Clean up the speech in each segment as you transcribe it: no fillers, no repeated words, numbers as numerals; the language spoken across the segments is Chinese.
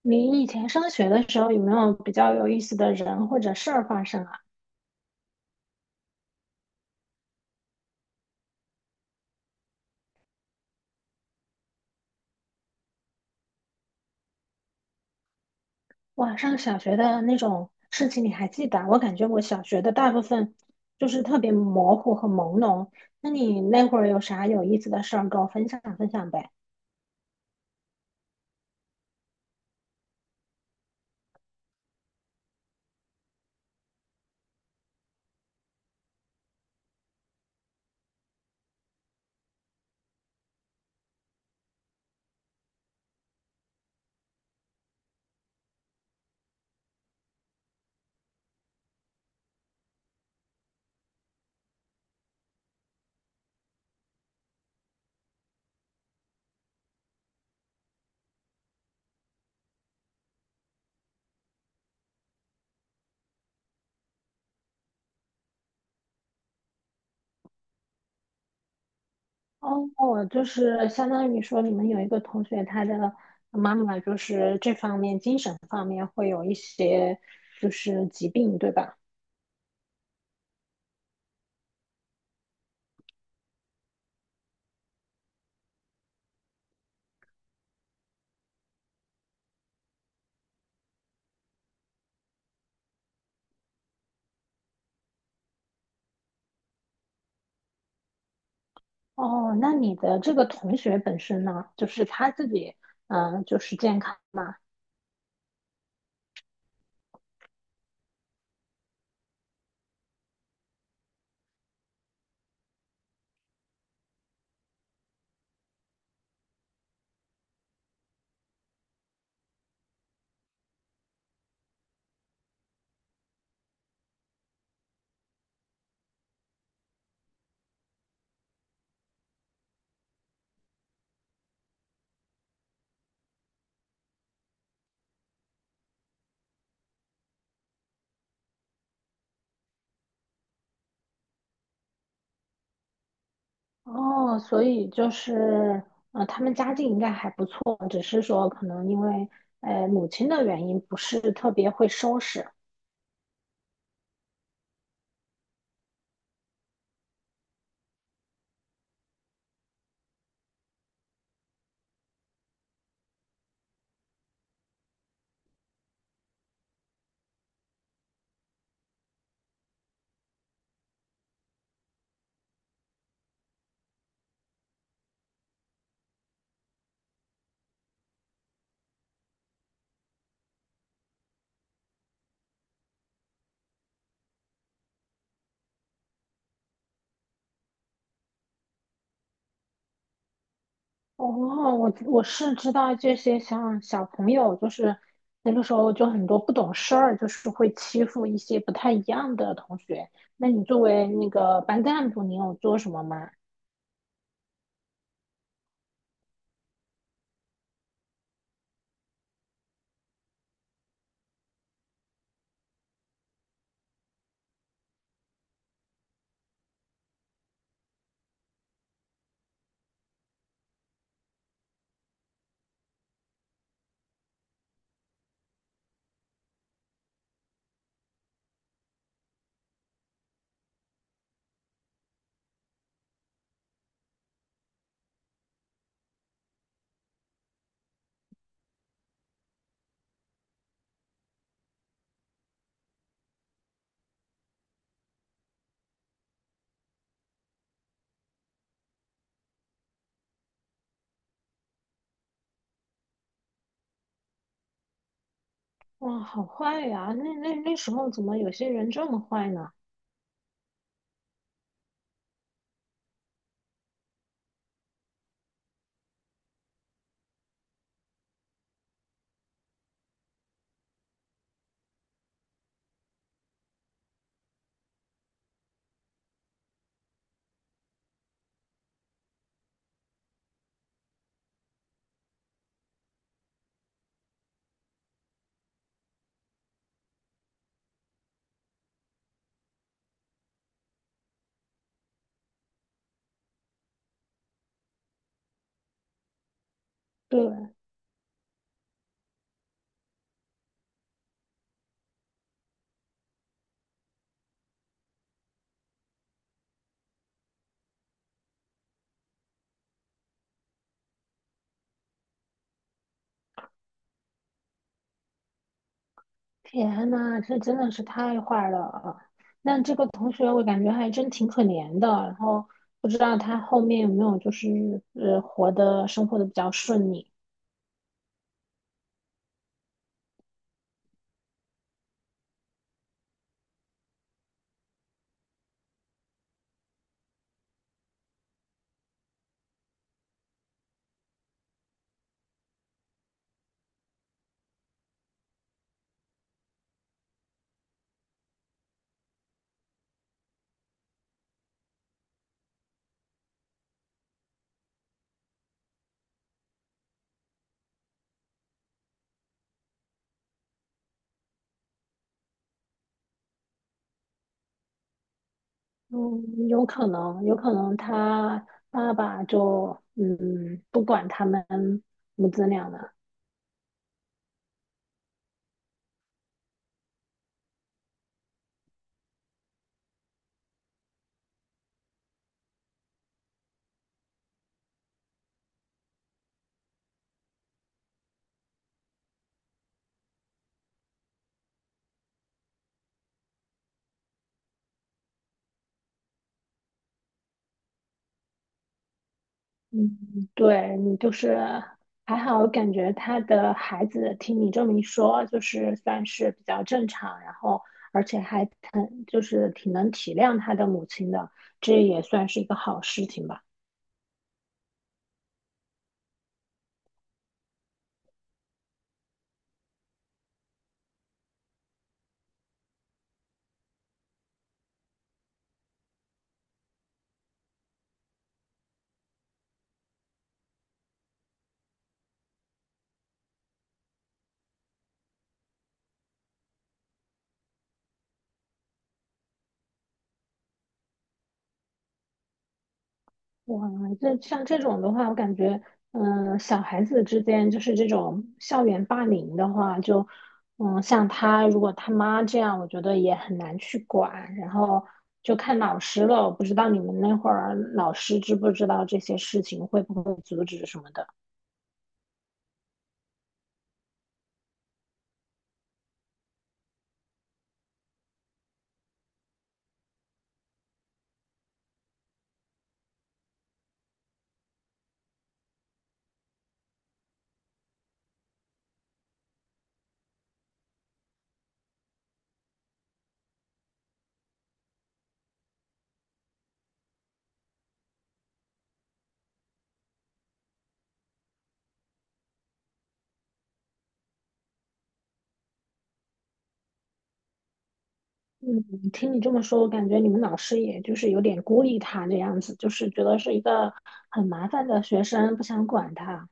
你以前上学的时候有没有比较有意思的人或者事儿发生啊？哇，上小学的那种事情你还记得啊，我感觉我小学的大部分就是特别模糊和朦胧。那你那会儿有啥有意思的事儿跟我分享分享呗？哦，就是相当于说你们有一个同学，他的妈妈就是这方面精神方面会有一些就是疾病，对吧？哦，那你的这个同学本身呢，就是他自己，嗯、就是健康嘛。哦，所以就是，他们家境应该还不错，只是说可能因为，母亲的原因不是特别会收拾。哦，我是知道这些，像小朋友就是那个时候就很多不懂事儿，就是会欺负一些不太一样的同学。那你作为那个班干部，你有做什么吗？哇，好坏呀！那时候怎么有些人这么坏呢？对，天呐，这真的是太坏了。那这个同学我感觉还真挺可怜的，然后不知道他后面有没有就是活的生活的比较顺利。嗯，有可能，有可能他爸爸就嗯不管他们母子俩了。嗯，对，你就是还好，感觉他的孩子听你这么一说，就是算是比较正常，然后而且还挺就是挺能体谅他的母亲的，这也算是一个好事情吧。哇，这像这种的话，我感觉，嗯、小孩子之间就是这种校园霸凌的话，就，嗯，像他如果他妈这样，我觉得也很难去管，然后就看老师了。我不知道你们那会儿老师知不知道这些事情，会不会阻止什么的？嗯，听你这么说，我感觉你们老师也就是有点孤立他这样子，就是觉得是一个很麻烦的学生，不想管他。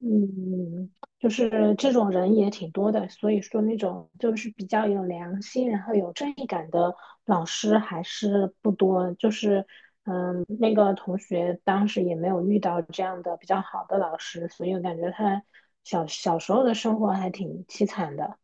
嗯，就是这种人也挺多的，所以说那种就是比较有良心，然后有正义感的老师还是不多。就是，嗯，那个同学当时也没有遇到这样的比较好的老师，所以我感觉他小小时候的生活还挺凄惨的。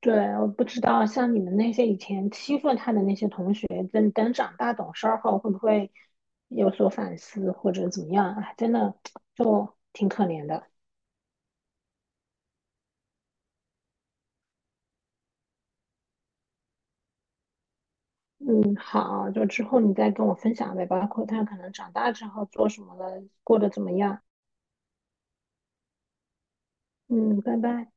对，我不知道像你们那些以前欺负他的那些同学，等等长大懂事儿后会不会有所反思或者怎么样？哎，真的就挺可怜的。嗯，好，就之后你再跟我分享呗，包括他可能长大之后做什么了，过得怎么样。嗯，拜拜。